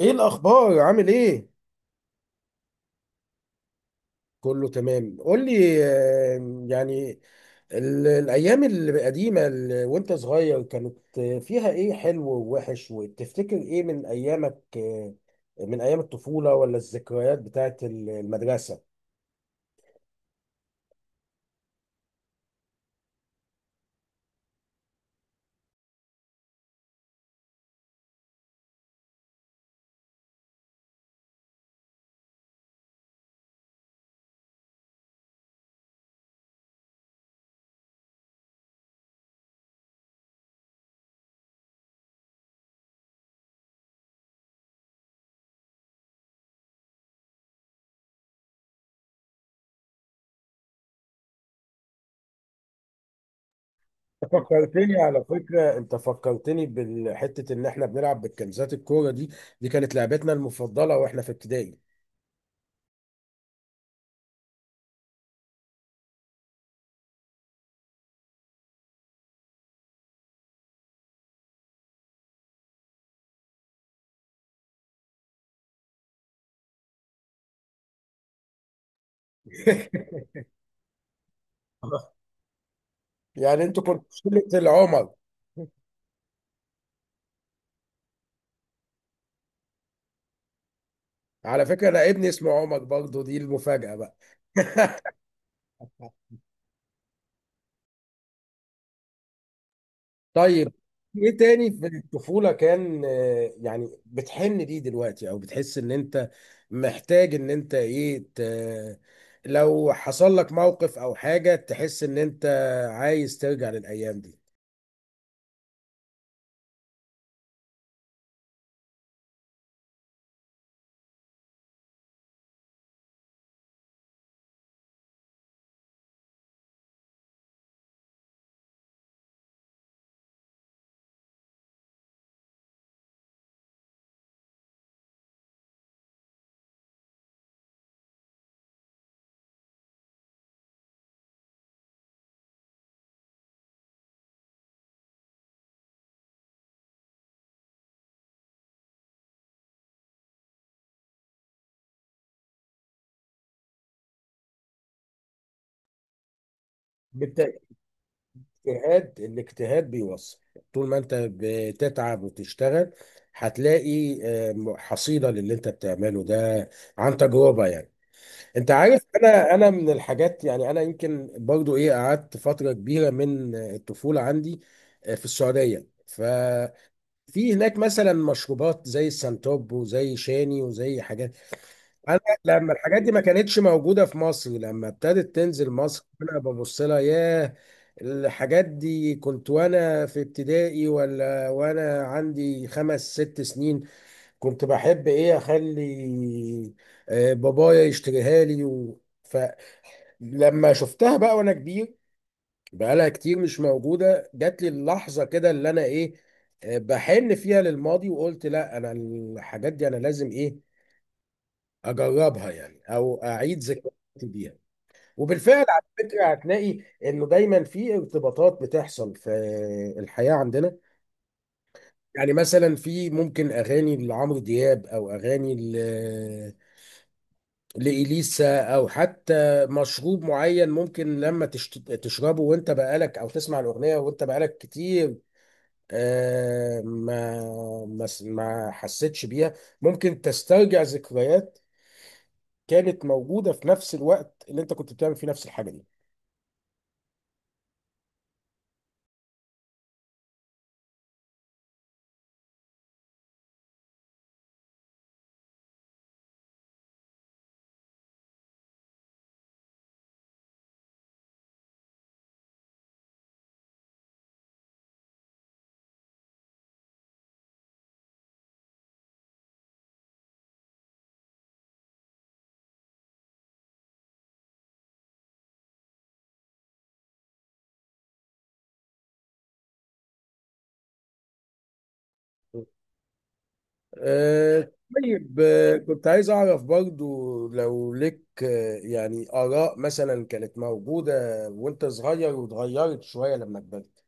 ايه الاخبار عامل ايه؟ كله تمام. قول لي الايام القديمه وانت صغير كانت فيها ايه حلو ووحش، وتفتكر ايه من ايامك؟ من ايام الطفوله، ولا الذكريات بتاعت المدرسه؟ أنت فكرتني، على فكره انت فكرتني بالحته ان احنا بنلعب بالكنزات الكوره دي. دي كانت لعبتنا المفضله واحنا في ابتدائي. يعني انتوا كنتوا شله العمر. على فكره انا ابني اسمه عمر برضه، دي المفاجاه بقى. طيب، ايه تاني في الطفولة كان بتحن ليه دلوقتي، او بتحس ان انت محتاج ان انت لو حصل لك موقف او حاجة تحس ان انت عايز ترجع للايام دي؟ بالاجتهاد، الاجتهاد بيوصل. طول ما انت بتتعب وتشتغل هتلاقي حصيلة للي انت بتعمله ده، عن تجربة يعني. انت عارف، انا من الحاجات يعني، انا يمكن برضو ايه، قعدت فتره كبيره من الطفوله عندي في السعوديه، ففي هناك مثلا مشروبات زي السنتوب وزي شاني وزي حاجات. انا لما الحاجات دي ما كانتش موجوده في مصر، لما ابتدت تنزل مصر انا ببص لها، ياه، الحاجات دي كنت وانا في ابتدائي، ولا وانا عندي خمس ست سنين كنت بحب ايه اخلي بابايا يشتريها لي. و... لما شفتها بقى وانا كبير، بقالها كتير مش موجوده، جات لي اللحظه كده اللي انا ايه، بحن فيها للماضي، وقلت لا، انا الحاجات دي انا لازم ايه، اجربها يعني، او اعيد ذكرياتي بيها. وبالفعل على فكره هتلاقي انه دايما في ارتباطات بتحصل في الحياه عندنا. يعني مثلا في ممكن اغاني لعمرو دياب، او اغاني لإليسا، أو حتى مشروب معين، ممكن لما تشربه وأنت بقالك، أو تسمع الأغنية وأنت بقالك كتير آه، ما ما حسيتش بيها، ممكن تسترجع ذكريات كانت موجودة في نفس الوقت اللي أنت كنت بتعمل فيه نفس الحاجة دي. طيب، كنت عايز أعرف برضو لو لك آراء مثلا كانت موجودة وأنت صغير واتغيرت شوية لما كبرت؟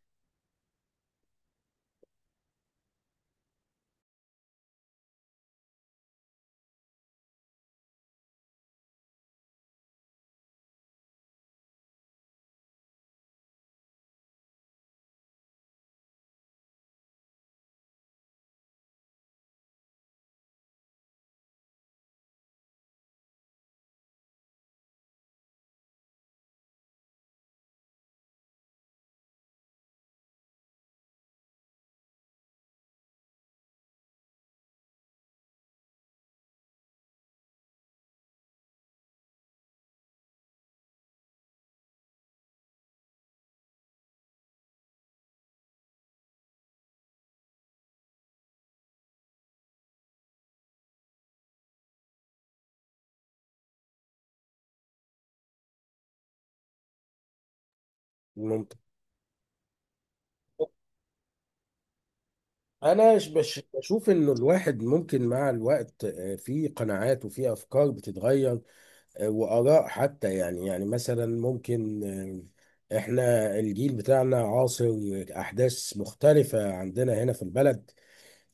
ممكن. بشوف انه الواحد ممكن مع الوقت في قناعات وفي افكار بتتغير، واراء حتى يعني. يعني مثلا ممكن آه، احنا الجيل بتاعنا عاصر احداث مختلفة عندنا هنا في البلد،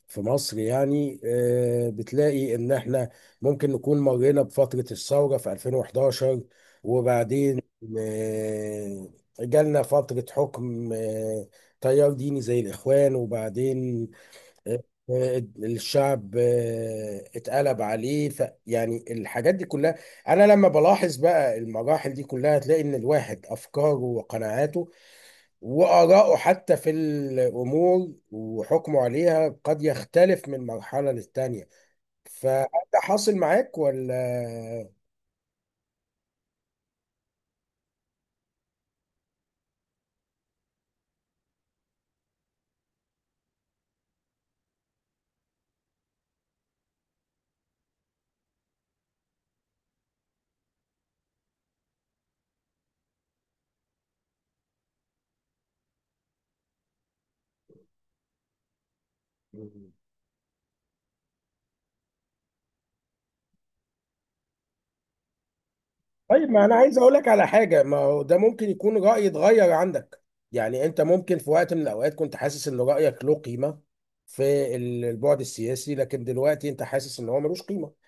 في مصر يعني. بتلاقي ان احنا ممكن نكون مرينا بفترة الثورة في 2011، وبعدين آه، جالنا فترة حكم تيار ديني زي الإخوان، وبعدين آه، الشعب اتقلب عليه. ف يعني الحاجات دي كلها انا لما بلاحظ بقى المراحل دي كلها، هتلاقي ان الواحد افكاره وقناعاته واراءه حتى في الامور وحكمه عليها قد يختلف من مرحلة للتانية. فانت حاصل معاك ولا؟ طيب ما انا عايز اقول لك على حاجه، ما هو ده ممكن يكون راي اتغير عندك. يعني انت ممكن في وقت من الاوقات كنت حاسس ان رايك له قيمه في البعد السياسي، لكن دلوقتي انت حاسس ان هو ملوش قيمه.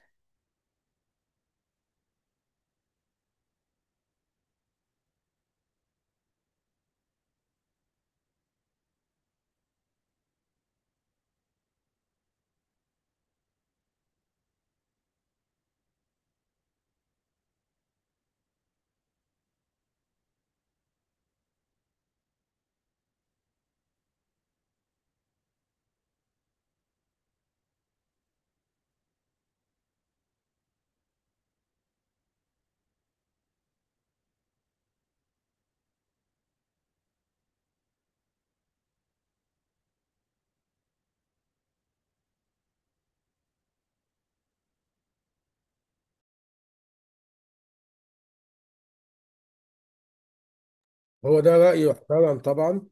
هو ده راي يحترم طبعا.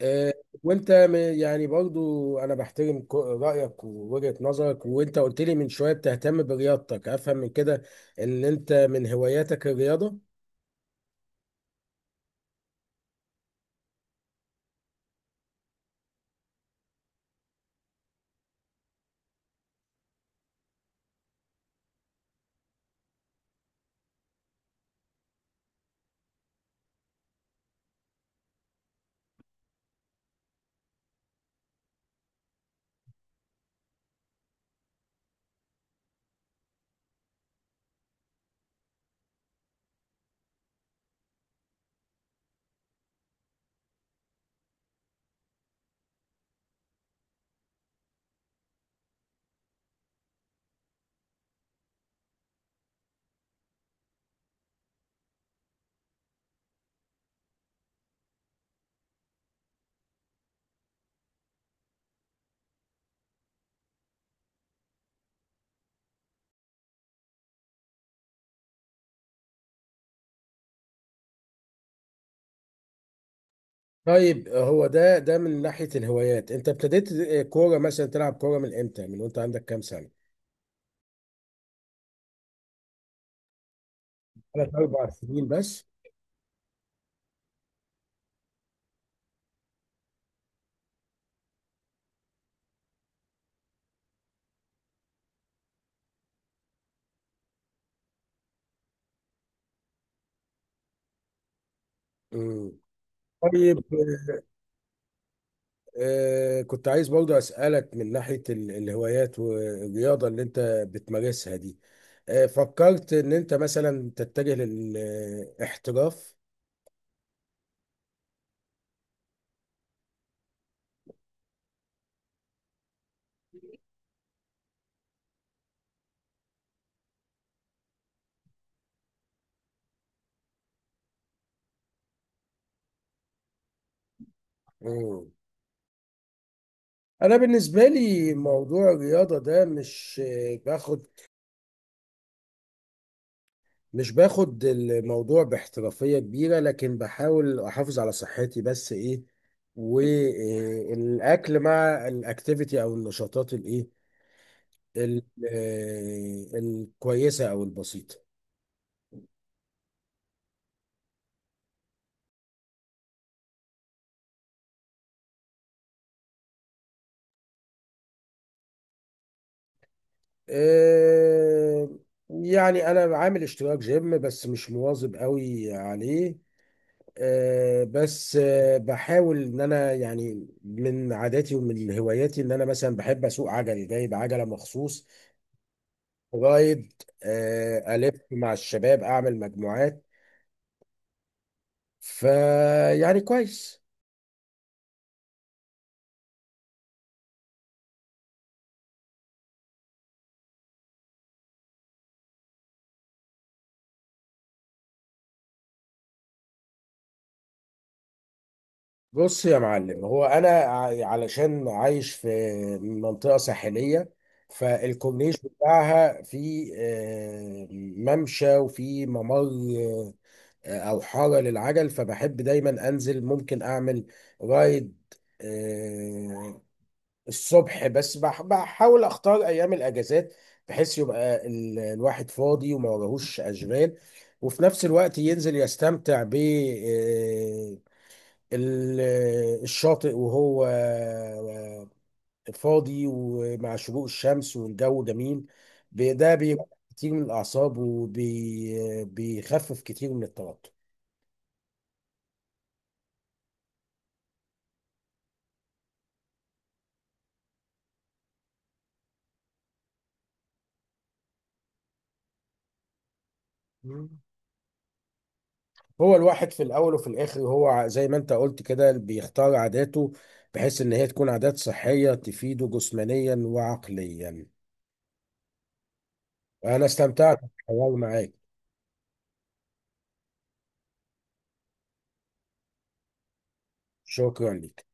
آه، وانت يعني برضو انا بحترم رايك ووجهه نظرك. وانت قلت لي من شويه بتهتم برياضتك، افهم من كده ان انت من هواياتك الرياضه. طيب، هو ده ده من ناحية الهوايات، انت ابتديت كورة مثلا، تلعب كورة من امتى، من وانت عندك كام سنة؟ ثلاث اربع سنين بس؟ مم. طيب، آه، كنت عايز برضه اسألك من ناحية الهوايات والرياضة اللي انت بتمارسها دي، آه، فكرت ان انت مثلا تتجه للاحتراف؟ مم. انا بالنسبة لي موضوع الرياضة ده مش آه، باخد مش باخد الموضوع باحترافية كبيرة، لكن بحاول أحافظ على صحتي، بس إيه، والأكل مع الأكتيفيتي أو النشاطات الإيه، ال- الكويسة أو البسيطة. آه، يعني أنا عامل اشتراك جيم بس مش مواظب قوي عليه. آه، بس آه، بحاول إن أنا، يعني من عاداتي ومن هواياتي، إن أنا مثلا بحب أسوق عجل، جايب عجلة مخصوص جرايد، ألف مع الشباب، أعمل مجموعات، فيعني كويس. بص يا معلم، هو أنا علشان عايش في منطقة ساحلية، فالكورنيش بتاعها في ممشى، وفي ممر آه، أو حارة للعجل، فبحب دايما أنزل، ممكن أعمل رايد آه، الصبح، بس بحاول اختار ايام الاجازات، بحيث يبقى الواحد فاضي وما وراهوش اشغال، وفي نفس الوقت ينزل يستمتع ب ال- الشاطئ وهو فاضي، ومع شروق الشمس والجو جميل. ده بيبقى كتير من الاعصاب، وبيخفف كتير من التوتر. هو الواحد في الاول وفي الاخر هو زي ما انت قلت كده، بيختار عاداته بحيث ان هي تكون عادات صحية تفيده جسمانيا وعقليا. انا استمتعت بالحوار معاك. شكرا لك.